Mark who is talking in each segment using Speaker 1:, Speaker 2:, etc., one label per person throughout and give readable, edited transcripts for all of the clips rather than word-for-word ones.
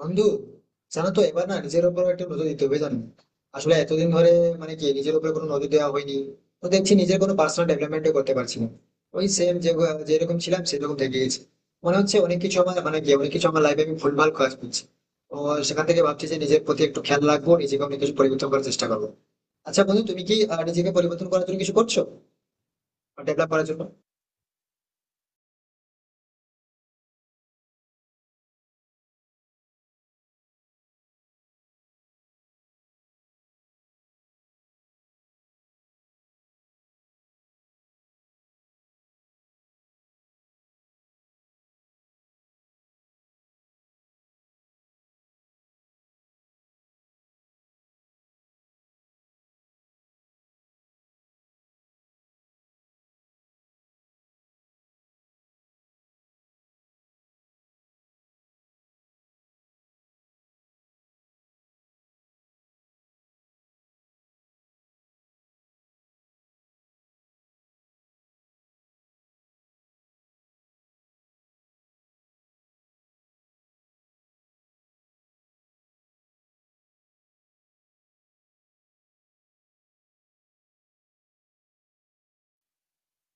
Speaker 1: বন্ধু, জানো তো, এবার না নিজের উপর একটা নজর দিতে হবে। জানো, আসলে এতদিন ধরে মানে কি নিজের উপরে কোনো নজর দেওয়া হয়নি। তো দেখছি নিজের কোনো পার্সোনাল ডেভেলপমেন্ট করতে পারছি না। ওই সেম, যে যেরকম ছিলাম সেরকম থেকে গেছি। মনে হচ্ছে অনেক কিছু আমার লাইফে আমি ভুলভাল কাজ করছি। তো সেখান থেকে ভাবছি যে নিজের প্রতি একটু খেয়াল রাখবো, নিজেকে অনেক কিছু পরিবর্তন করার চেষ্টা করবো। আচ্ছা বন্ধু, তুমি কি নিজেকে পরিবর্তন করার জন্য কিছু করছো? ডেভেলপ করার জন্য?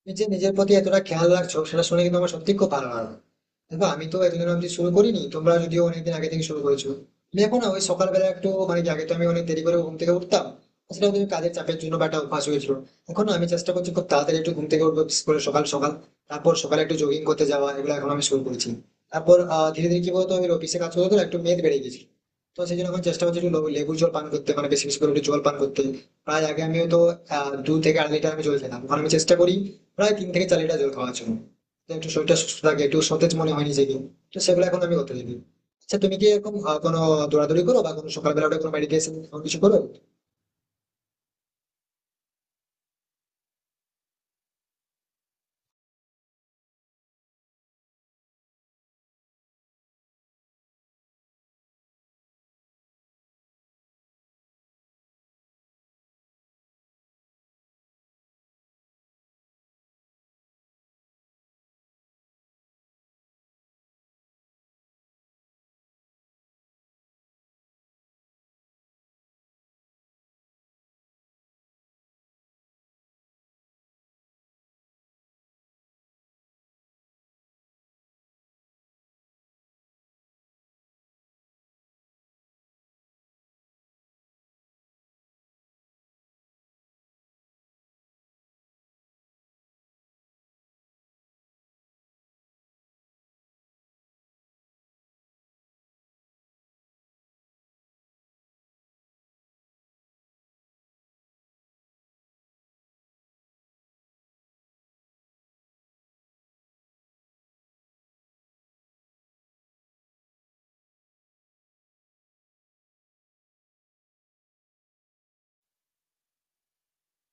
Speaker 1: তুমি যে নিজের প্রতি এতটা খেয়াল রাখছো সেটা শুনে কিন্তু আমার সত্যি খুব ভালো লাগলো। দেখো, আমি তো এতদিন অব্দি শুরু করিনি, তোমরা যদিও অনেকদিন আগে থেকে শুরু করেছো। আমি এখন না ওই সকালবেলা একটু, মানে কি, আগে তো আমি অনেক দেরি করে ঘুম থেকে উঠতাম। সেটা কিন্তু কাজের চাপের জন্য বা একটা অভ্যাস হয়েছিল। এখন না আমি চেষ্টা করছি খুব তাড়াতাড়ি একটু ঘুম থেকে উঠবো, বিশেষ করে সকাল সকাল। তারপর সকালে একটু জগিং করতে যাওয়া, এগুলো এখন আমি শুরু করছি। তারপর ধীরে ধীরে কি বলতো, আমি অফিসে কাজ করতে করতে না একটু মেদ বেড়ে গেছি। তো সেই জন্য এখন চেষ্টা করছি একটু লেবুর জল পান করতে, মানে বেশি বেশি করে একটু জল পান করতে। প্রায় আগে আমি তো 2 থেকে 2.5 লিটার আমি জল খেতাম, এখন আমি চেষ্টা করি প্রায় 3 থেকে 4 লিটার জল খাওয়ার জন্য। তো একটু শরীরটা সুস্থ থাকে, একটু সতেজ মনে হয় নিজেকে। তো সেগুলো এখন আমি করতে থাকি। আচ্ছা, তুমি কি এরকম কোনো দৌড়াদৌড়ি করো বা কোনো সকালবেলা উঠে কোনো মেডিটেশন কিছু করো?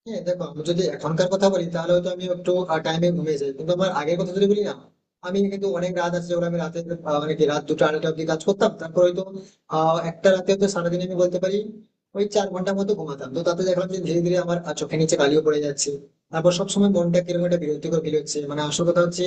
Speaker 1: হ্যাঁ দেখো, আমি যদি এখনকার কথা বলি তাহলে হয়তো আমি একটু টাইমে ঘুমিয়ে যাই, কিন্তু আমার আগের কথা যদি বলি না, আমি কিন্তু অনেক রাত আছে যেগুলো আমি রাতে মানে কি রাত দুটো আড়াইটা অব্দি কাজ করতাম। তারপর হয়তো একটা রাতে হয়তো, সারাদিন আমি বলতে পারি ওই 4 ঘন্টার মতো ঘুমাতাম। তো তাতে দেখলাম যে ধীরে ধীরে আমার চোখের নিচে কালিও পড়ে যাচ্ছে। তারপর সবসময় মনটা কিরকম একটা বিরক্তিকর ফিল হচ্ছে। মানে আসল কথা হচ্ছে,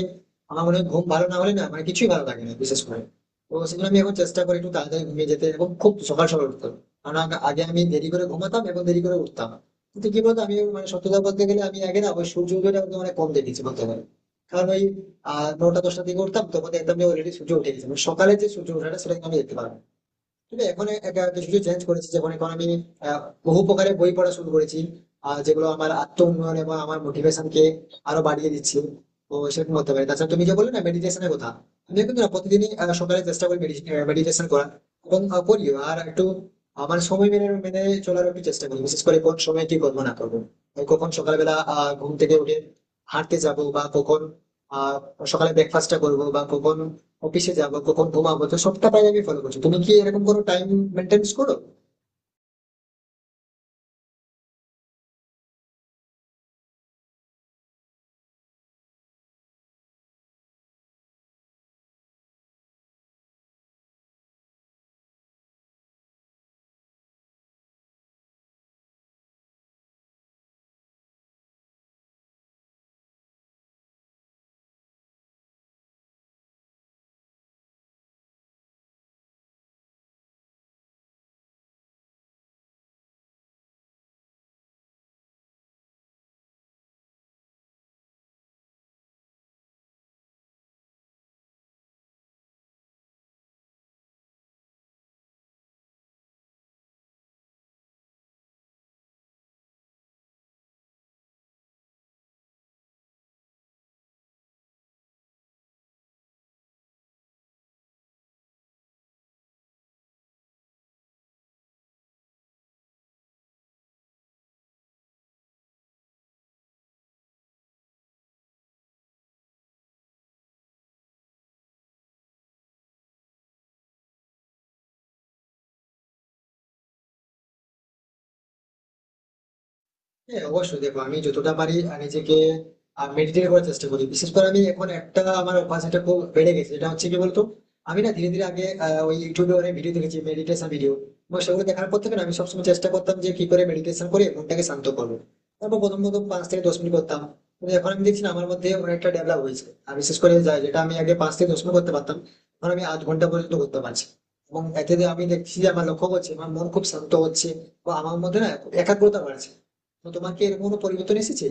Speaker 1: আমার মনে হয় ঘুম ভালো না হলে না, মানে কিছুই ভালো লাগে না বিশেষ করে। তো সেজন্য আমি এখন চেষ্টা করি একটু তাড়াতাড়ি ঘুমিয়ে যেতে এবং খুব সকাল সকাল উঠতে। কারণ আগে আমি দেরি করে ঘুমাতাম এবং দেরি করে উঠতাম। কিন্তু কি বলতো, আমি, মানে সত্যতা বলতে গেলে, আমি আগে না ওই সূর্য উদয়টা একদম, মানে কম দেখেছি বলতে পারি। কারণ ওই 9টা-10টার দিকে উঠতাম, তখন দেখতাম যে অলরেডি সূর্য উঠে গেছে। মানে সকালে যে সূর্য ওঠাটা সেটা কিন্তু আমি দেখতে পারবো। তবে এখন এটা কিছু চেঞ্জ করেছি, যেমন এখন আমি আহ, বহু প্রকারের বই পড়া শুরু করেছি, আর যেগুলো আমার আত্ম উন্নয়ন এবং আমার মোটিভেশনকে আরো বাড়িয়ে দিচ্ছে। তো সেরকম হতে পারে। তাছাড়া তুমি যে বললে না মেডিটেশনের কথা, আমি কিন্তু না প্রতিদিনই সকালে চেষ্টা করি মেডিটেশন করার। এবং করিও। আর একটু আমার সময় মেনে মেনে চলার একটু চেষ্টা করি, বিশেষ করে কোন সময় কি করবো না করবো। এই কখন সকালবেলা ঘুম থেকে উঠে হাঁটতে যাব বা কখন আহ সকালে ব্রেকফাস্টটা করবো বা কখন অফিসে যাবো, কখন ঘুমাবো। তো সবটা টাইম আমি ফলো করছি। তুমি কি এরকম কোনো টাইম মেনটেন করো? হ্যাঁ অবশ্যই। দেখো আমি যতটা পারি নিজেকে মেডিটেট করার চেষ্টা করি। বিশেষ করে আমি এখন একটা আমার অভ্যাস এটা খুব বেড়ে গেছে, এটা হচ্ছে কি বলতো, আমি না ধীরে ধীরে আগে ওই ইউটিউবে অনেক ভিডিও দেখেছি, মেডিটেশন ভিডিও। এবং সেগুলো দেখার পর থেকে না আমি সবসময় চেষ্টা করতাম যে কি করে মেডিটেশন করে মনটাকে শান্ত করবো। তারপর প্রথম প্রথম 5 থেকে 10 মিনিট করতাম, কিন্তু এখন আমি দেখছি না আমার মধ্যে অনেকটা ডেভেলপ হয়েছে। আর বিশেষ করে যেটা আমি আগে 5 থেকে 10 মিনিট করতে পারতাম, এখন আমি আধ ঘন্টা পর্যন্ত করতে পারছি। এবং এতে যে আমি দেখছি যে আমার লক্ষ্য করছে আমার মন খুব শান্ত হচ্ছে, বা আমার মধ্যে না একাগ্রতা বাড়ছে। তো তোমার কি এরকম কোনো পরিবর্তন এসেছে?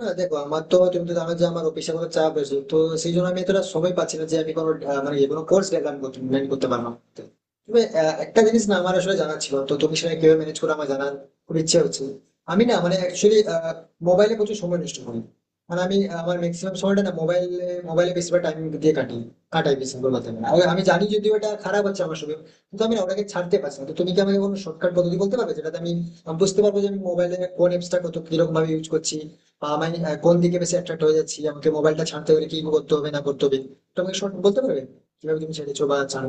Speaker 1: না দেখো, আমার তো, তুমি তো জানো যে আমার পেশাগত চাপ আছে, তো সেই জন্য আমি এতটা সময় পাচ্ছি না যে আমি কোনো মানে কোনো কোর্স ডেভেলপ করতে manage করতে পারলাম। তবে একটা জিনিস না আমার আসলে জানা ছিল, তো তুমি সেটা কিভাবে ম্যানেজ করে, আমার জানার খুব ইচ্ছে হচ্ছে। আমি না, মানে অ্যাকচুয়ালি মোবাইলে প্রচুর সময় নষ্ট করি। মানে আমি আমার ম্যাক্সিমাম সময়টা না মোবাইলে মোবাইলে বেশিরভাগ টাইম দিয়ে কাটাই বেশিরভাগ কথা বলে। আর আমি জানি যদিও এটা খারাপ হচ্ছে আমার সঙ্গে, কিন্তু আমি না ওটাকে ছাড়তে পারছি না। তো তুমি কি আমাকে কোনো শর্টকাট পদ্ধতি বলতে পারবে যেটাতে আমি বুঝতে পারবো যে আমি মোবাইলে কোন অ্যাপসটা কত কিরকম ভাবে ইউজ করছি, আমি কোন দিকে বেশি অ্যাট্রাক্ট হয়ে যাচ্ছি, আমাকে মোবাইলটা ছাড়তে হলে কি করতে হবে না করতে হবে? তো আমাকে শর্ট বলতে পারবে কিভাবে তুমি ছেড়েছো বা ছাড়ো?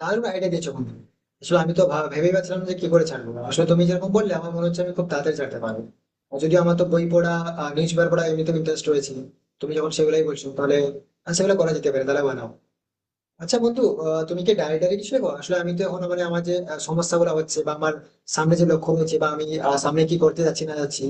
Speaker 1: দারুণ আইডিয়া দিয়েছো কিন্তু। আসলে আমি তো ভেবেই পাচ্ছিলাম যে কি করে ছাড়বো, আসলে তুমি যেরকম বললে আমার মনে হচ্ছে আমি খুব তাড়াতাড়ি ছাড়তে পারবো। আর যদিও আমার তো বই পড়া, নিউজ পেপার পড়া এমনিতে ইন্টারেস্ট রয়েছে। তুমি যখন সেগুলাই বলছো তাহলে সেগুলো করা যেতে পারে। তাহলে বানাও। আচ্ছা বন্ধু, তুমি কি ডায়েটারি কিছু দেখো? আসলে আমি তো এখন, মানে আমার যে সমস্যাগুলো হচ্ছে বা আমার সামনে যে লক্ষ্য রয়েছে বা আমি সামনে কি করতে যাচ্ছি না যাচ্ছি,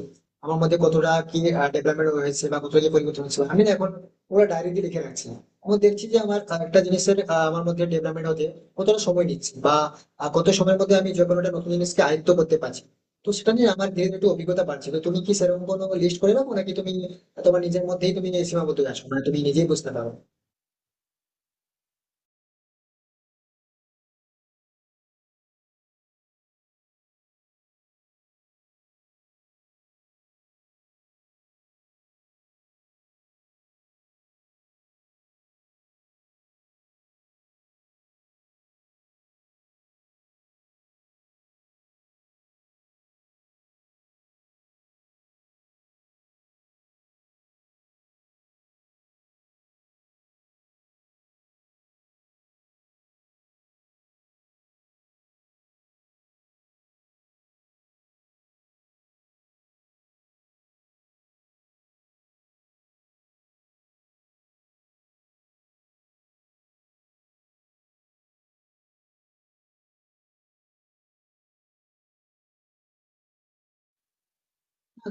Speaker 1: আমার মধ্যে কতটা কি ডেভেলপমেন্ট হয়েছে বা কতটা কি পরিবর্তন হয়েছে, আমি না এখন পুরো ডায়েরিতে লিখে রাখছি। আমি দেখছি যে আমার একটা জিনিসের আমার মধ্যে ডেভেলপমেন্ট হতে কতটা সময় নিচ্ছে বা কত সময়ের মধ্যে আমি যে কোনো একটা নতুন জিনিসকে আয়ত্ত করতে পারছি। তো সেটা নিয়ে আমার ধীরে ধীরে একটু অভিজ্ঞতা বাড়ছে। তো তুমি কি সেরকম কোনো লিস্ট করে রাখো নাকি তুমি তোমার নিজের মধ্যেই তুমি সীমাবদ্ধ আছো? মানে তুমি নিজেই বুঝতে পারো?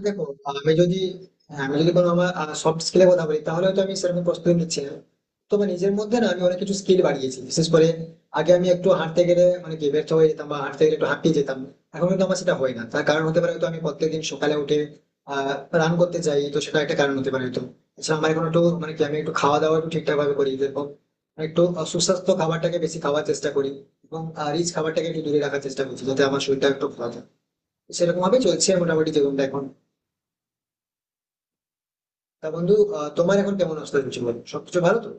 Speaker 1: দেখো, আমি যদি আমি যদি কোনো আমার সফট স্কিলের কথা বলি তাহলে তো আমি সেরকম প্রস্তুতি নিচ্ছি না। তবে নিজের মধ্যে না আমি অনেক কিছু স্কিল বাড়িয়েছি। বিশেষ করে আগে আমি একটু হাঁটতে গেলে মানে কি ব্যর্থ হয়ে যেতাম বা হাঁটতে গেলে একটু হাঁপিয়ে যেতাম, এখন কিন্তু আমার সেটা হয় না। তার কারণ হতে পারে হয়তো আমি প্রত্যেকদিন সকালে উঠে আহ রান করতে যাই, তো সেটা একটা কারণ হতে পারে হয়তো। এছাড়া আমার এখন একটু, মানে কি, আমি একটু খাওয়া দাওয়া একটু ঠিকঠাক ভাবে করি, যেরকম একটু সুস্বাস্থ্য খাবারটাকে বেশি খাওয়ার চেষ্টা করি এবং রিচ খাবারটাকে একটু দূরে রাখার চেষ্টা করছি যাতে আমার শরীরটা একটু ভালো থাকে। সেরকম ভাবে চলছে মোটামুটি জীবনটা এখন। তা বন্ধু, তোমার এখন কেমন অবস্থা চলছে বলো? সবকিছু ভালো তো?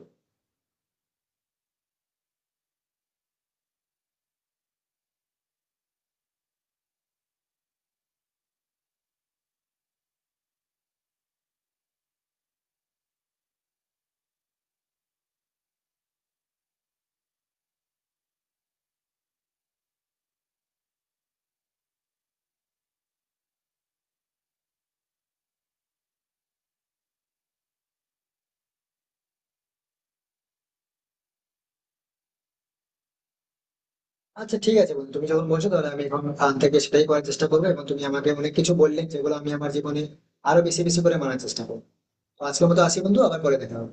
Speaker 1: আচ্ছা ঠিক আছে বন্ধু, তুমি যখন বলছো তাহলে আমি এখন থেকে সেটাই করার চেষ্টা করবো এবং তুমি আমাকে অনেক কিছু বললে যেগুলো আমি আমার জীবনে আরো বেশি বেশি করে মানার চেষ্টা করবো। তো আজকের মতো আসি বন্ধু, আবার পরে দেখা হবে।